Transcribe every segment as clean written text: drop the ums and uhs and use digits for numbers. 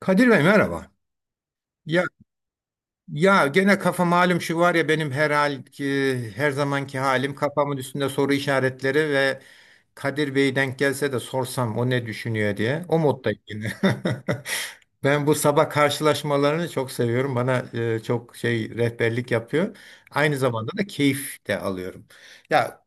Kadir Bey merhaba. Ya ya gene kafa malum şu var ya benim her zamanki halim kafamın üstünde soru işaretleri ve Kadir Bey denk gelse de sorsam o ne düşünüyor diye. O moddayım yine. Ben bu sabah karşılaşmalarını çok seviyorum. Bana çok şey rehberlik yapıyor. Aynı zamanda da keyif de alıyorum. Ya,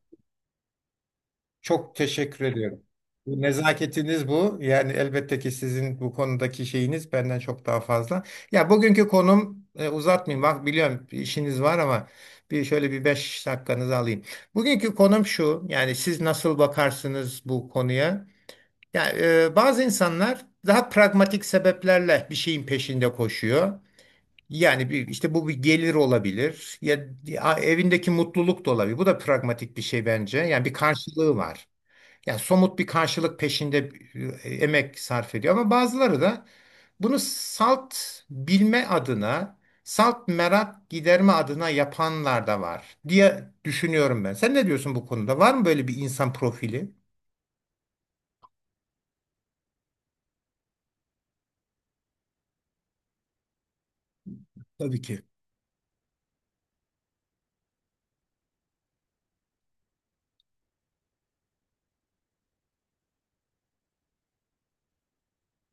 çok teşekkür ediyorum. Bu nezaketiniz bu. Yani elbette ki sizin bu konudaki şeyiniz benden çok daha fazla. Ya, bugünkü konum uzatmayayım. Bak biliyorum bir işiniz var ama bir şöyle bir beş dakikanızı alayım. Bugünkü konum şu. Yani siz nasıl bakarsınız bu konuya? Ya, bazı insanlar daha pragmatik sebeplerle bir şeyin peşinde koşuyor. Yani bir, işte bu bir gelir olabilir ya, ya evindeki mutluluk da olabilir. Bu da pragmatik bir şey bence. Yani bir karşılığı var. Yani somut bir karşılık peşinde emek sarf ediyor ama bazıları da bunu salt bilme adına, salt merak giderme adına yapanlar da var diye düşünüyorum ben. Sen ne diyorsun bu konuda? Var mı böyle bir insan profili? Tabii ki.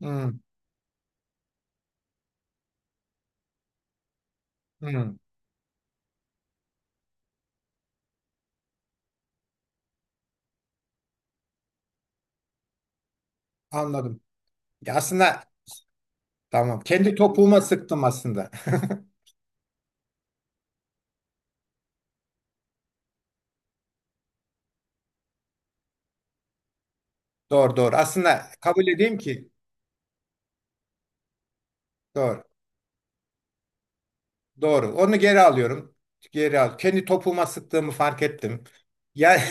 Hmm, hmm, anladım. Ya aslında tamam. Kendi topuğuma sıktım aslında. Doğru doğru. Aslında kabul edeyim ki doğru. Doğru. Onu geri alıyorum. Geri al. Kendi topuma sıktığımı fark ettim. Yani,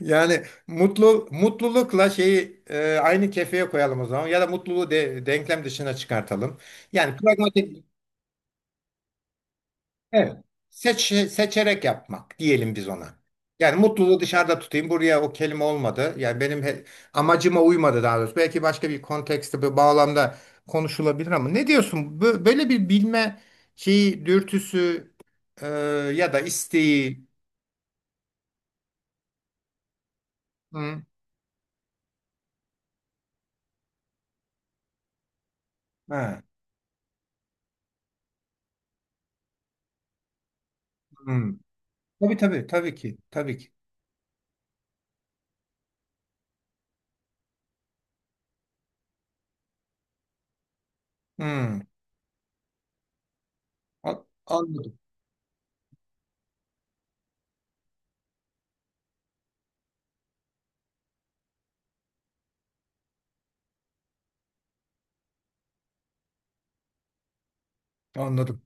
yani mutlulukla şeyi aynı kefeye koyalım o zaman ya da mutluluğu denklem dışına çıkartalım. Yani pragmatik. Evet. Seçerek yapmak diyelim biz ona. Yani mutluluğu dışarıda tutayım. Buraya o kelime olmadı. Yani benim amacıma uymadı daha doğrusu. Belki başka bir kontekste, bir bağlamda konuşulabilir ama ne diyorsun? Böyle bir bilme şeyi, dürtüsü, e, ya da isteği. Hı. Ha. Hı. Tabii tabii tabii ki. Tabii ki. Hı. A- Anladım. Anladım.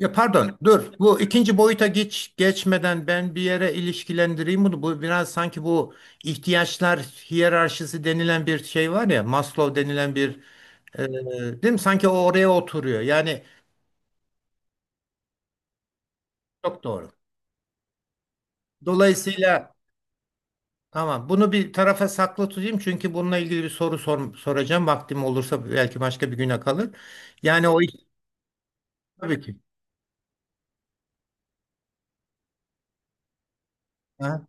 Ya pardon, dur. Bu ikinci boyuta geçmeden ben bir yere ilişkilendireyim bunu. Bu biraz sanki bu ihtiyaçlar hiyerarşisi denilen bir şey var ya, Maslow denilen bir değil mi? Sanki o oraya oturuyor. Yani çok doğru. Dolayısıyla tamam bunu bir tarafa saklı tutayım çünkü bununla ilgili bir soracağım. Vaktim olursa belki başka bir güne kalır. Yani o tabii ki. Ha?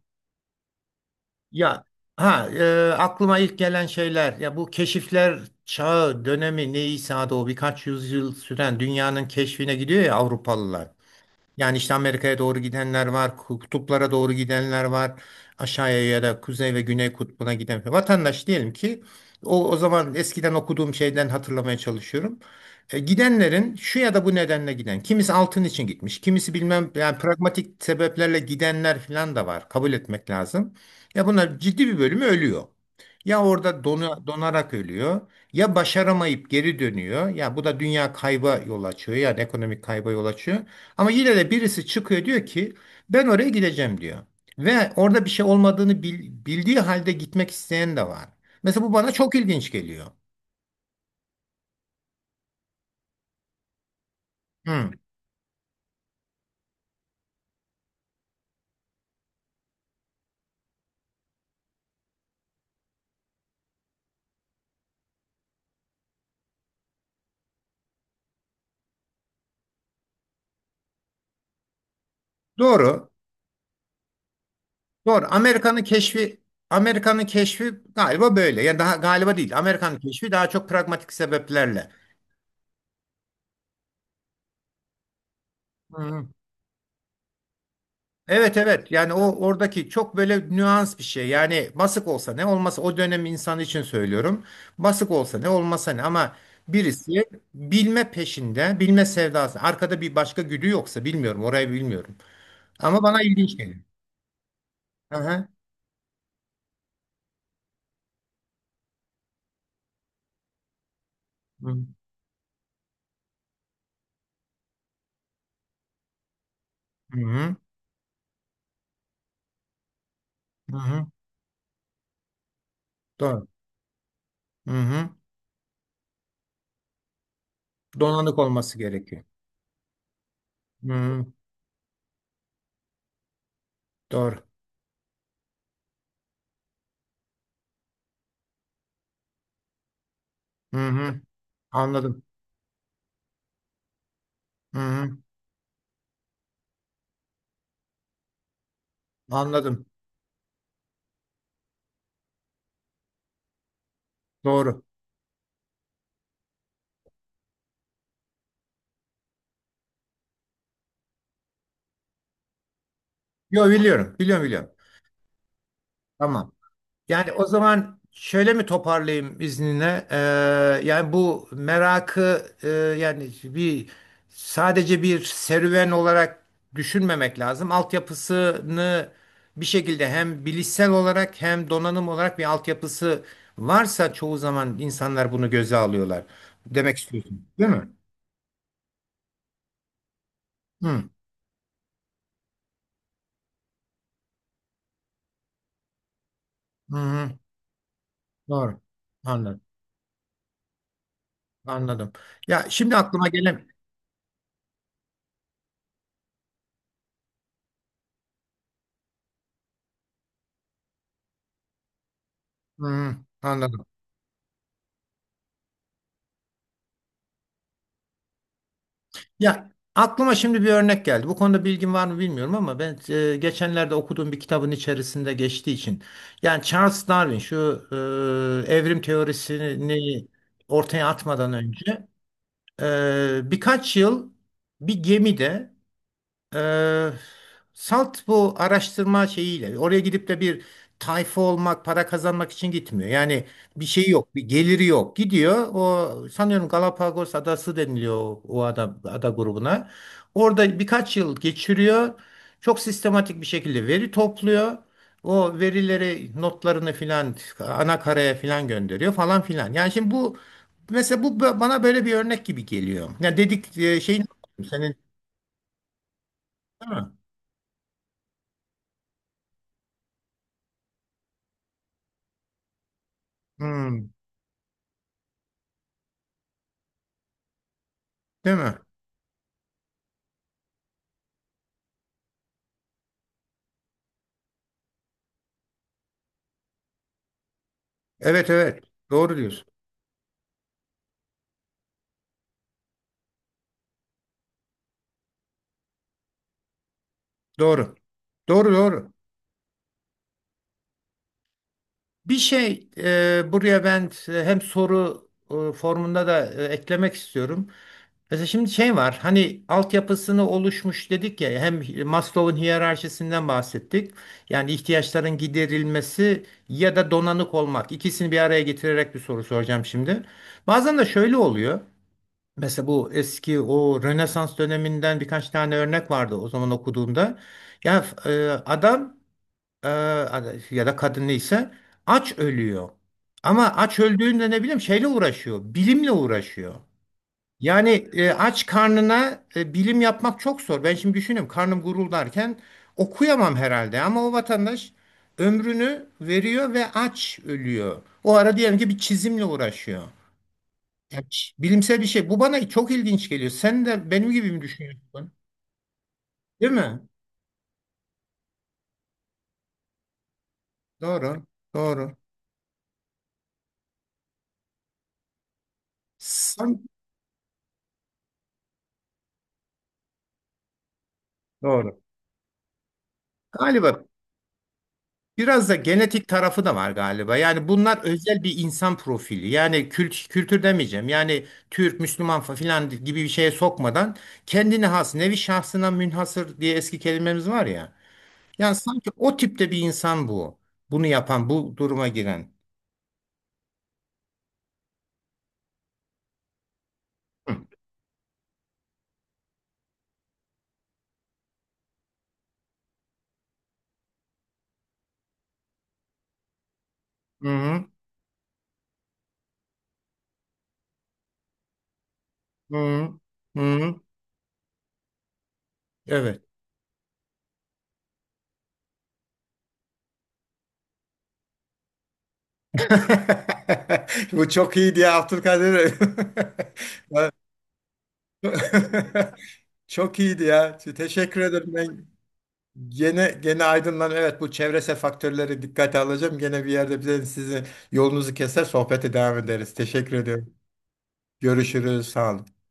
Ya ha aklıma ilk gelen şeyler ya bu keşifler çağı dönemi neyse adı o birkaç yüzyıl süren dünyanın keşfine gidiyor ya Avrupalılar. Yani işte Amerika'ya doğru gidenler var, kutuplara doğru gidenler var, aşağıya ya da kuzey ve güney kutbuna giden. Vatandaş diyelim ki o zaman eskiden okuduğum şeyden hatırlamaya çalışıyorum. Gidenlerin şu ya da bu nedenle giden. Kimisi altın için gitmiş, kimisi bilmem yani pragmatik sebeplerle gidenler falan da var. Kabul etmek lazım. Ya bunlar ciddi bir bölümü ölüyor. Ya orada donarak ölüyor ya başaramayıp geri dönüyor. Ya bu da dünya kayba yol açıyor yani ekonomik kayba yol açıyor. Ama yine de birisi çıkıyor diyor ki ben oraya gideceğim diyor. Ve orada bir şey olmadığını bildiği halde gitmek isteyen de var. Mesela bu bana çok ilginç geliyor. Hı. Doğru. Doğru. Amerika'nın keşfi Amerika'nın keşfi galiba böyle. Yani daha galiba değil. Amerika'nın keşfi daha çok pragmatik sebeplerle. Hı. Evet evet yani o oradaki çok böyle nüans bir şey yani basık olsa ne olmasa o dönem insanı için söylüyorum basık olsa ne olmasa ne ama birisi bilme peşinde bilme sevdası arkada bir başka güdü yoksa bilmiyorum orayı bilmiyorum ama bana ilginç geliyor. Hı hı. Hı hı. Hı hı. Doğru. Hı hı. Donanık olması gerekiyor. Hı hı. Doğru. Hı hı. Anladım. Hı hı. Anladım. Doğru. Yo biliyorum biliyorum biliyorum. Tamam. Yani o zaman şöyle mi toparlayayım izninle? Yani bu merakı yani bir sadece bir serüven olarak düşünmemek lazım. Altyapısını bir şekilde hem bilişsel olarak hem donanım olarak bir altyapısı varsa çoğu zaman insanlar bunu göze alıyorlar. Demek istiyorsun, değil mi? Hı, hı, hı. Doğru. Anladım. Anladım. Ya şimdi aklıma gelen hı, anladım. Ya aklıma şimdi bir örnek geldi. Bu konuda bilgin var mı bilmiyorum ama ben geçenlerde okuduğum bir kitabın içerisinde geçtiği için yani Charles Darwin şu evrim teorisini ortaya atmadan önce birkaç yıl bir gemide ee, salt bu araştırma şeyiyle oraya gidip de bir tayfa olmak, para kazanmak için gitmiyor. Yani bir şey yok, bir geliri yok. Gidiyor. O sanıyorum Galapagos Adası deniliyor o ada, ada grubuna. Orada birkaç yıl geçiriyor. Çok sistematik bir şekilde veri topluyor. O verileri, notlarını filan ana karaya filan gönderiyor falan filan. Yani şimdi bu mesela bu bana böyle bir örnek gibi geliyor. Yani dedik şeyin senin değil mi? Hmm. Değil mi? Evet evet. Doğru diyorsun. Doğru. Doğru doğru. Bir şey buraya ben hem soru formunda da eklemek istiyorum. Mesela şimdi şey var hani altyapısını oluşmuş dedik ya hem Maslow'un hiyerarşisinden bahsettik. Yani ihtiyaçların giderilmesi ya da donanık olmak ikisini bir araya getirerek bir soru soracağım şimdi. Bazen de şöyle oluyor. Mesela bu eski o Rönesans döneminden birkaç tane örnek vardı o zaman okuduğumda. Ya adam e, ya da kadın neyse aç ölüyor. Ama aç öldüğünde ne bileyim şeyle uğraşıyor, bilimle uğraşıyor. Yani aç karnına bilim yapmak çok zor. Ben şimdi düşünüyorum karnım guruldarken okuyamam herhalde ama o vatandaş ömrünü veriyor ve aç ölüyor. O ara diyelim ki bir çizimle uğraşıyor. Yani bilimsel bir şey. Bu bana çok ilginç geliyor. Sen de benim gibi mi düşünüyorsun? Değil mi? Doğru. Doğru. Sen, doğru. Galiba biraz da genetik tarafı da var galiba. Yani bunlar özel bir insan profili. Yani kültür demeyeceğim. Yani Türk, Müslüman falan gibi bir şeye sokmadan kendine has, nevi şahsına münhasır diye eski kelimemiz var ya. Yani sanki o tipte bir insan bu. Bunu yapan, bu duruma giren. Hı hı. Hı hı. Hı. Hı. Evet. Bu çok iyi diye, Abdülkadir. Çok teşekkür ederim. Ben gene ben evet faktörleri dikkate alacağım. Gene bir yerde bize sizin yolunuzu keser sohbete devam ederiz. Teşekkür ediyorum. Görüşürüz. Sağ olun.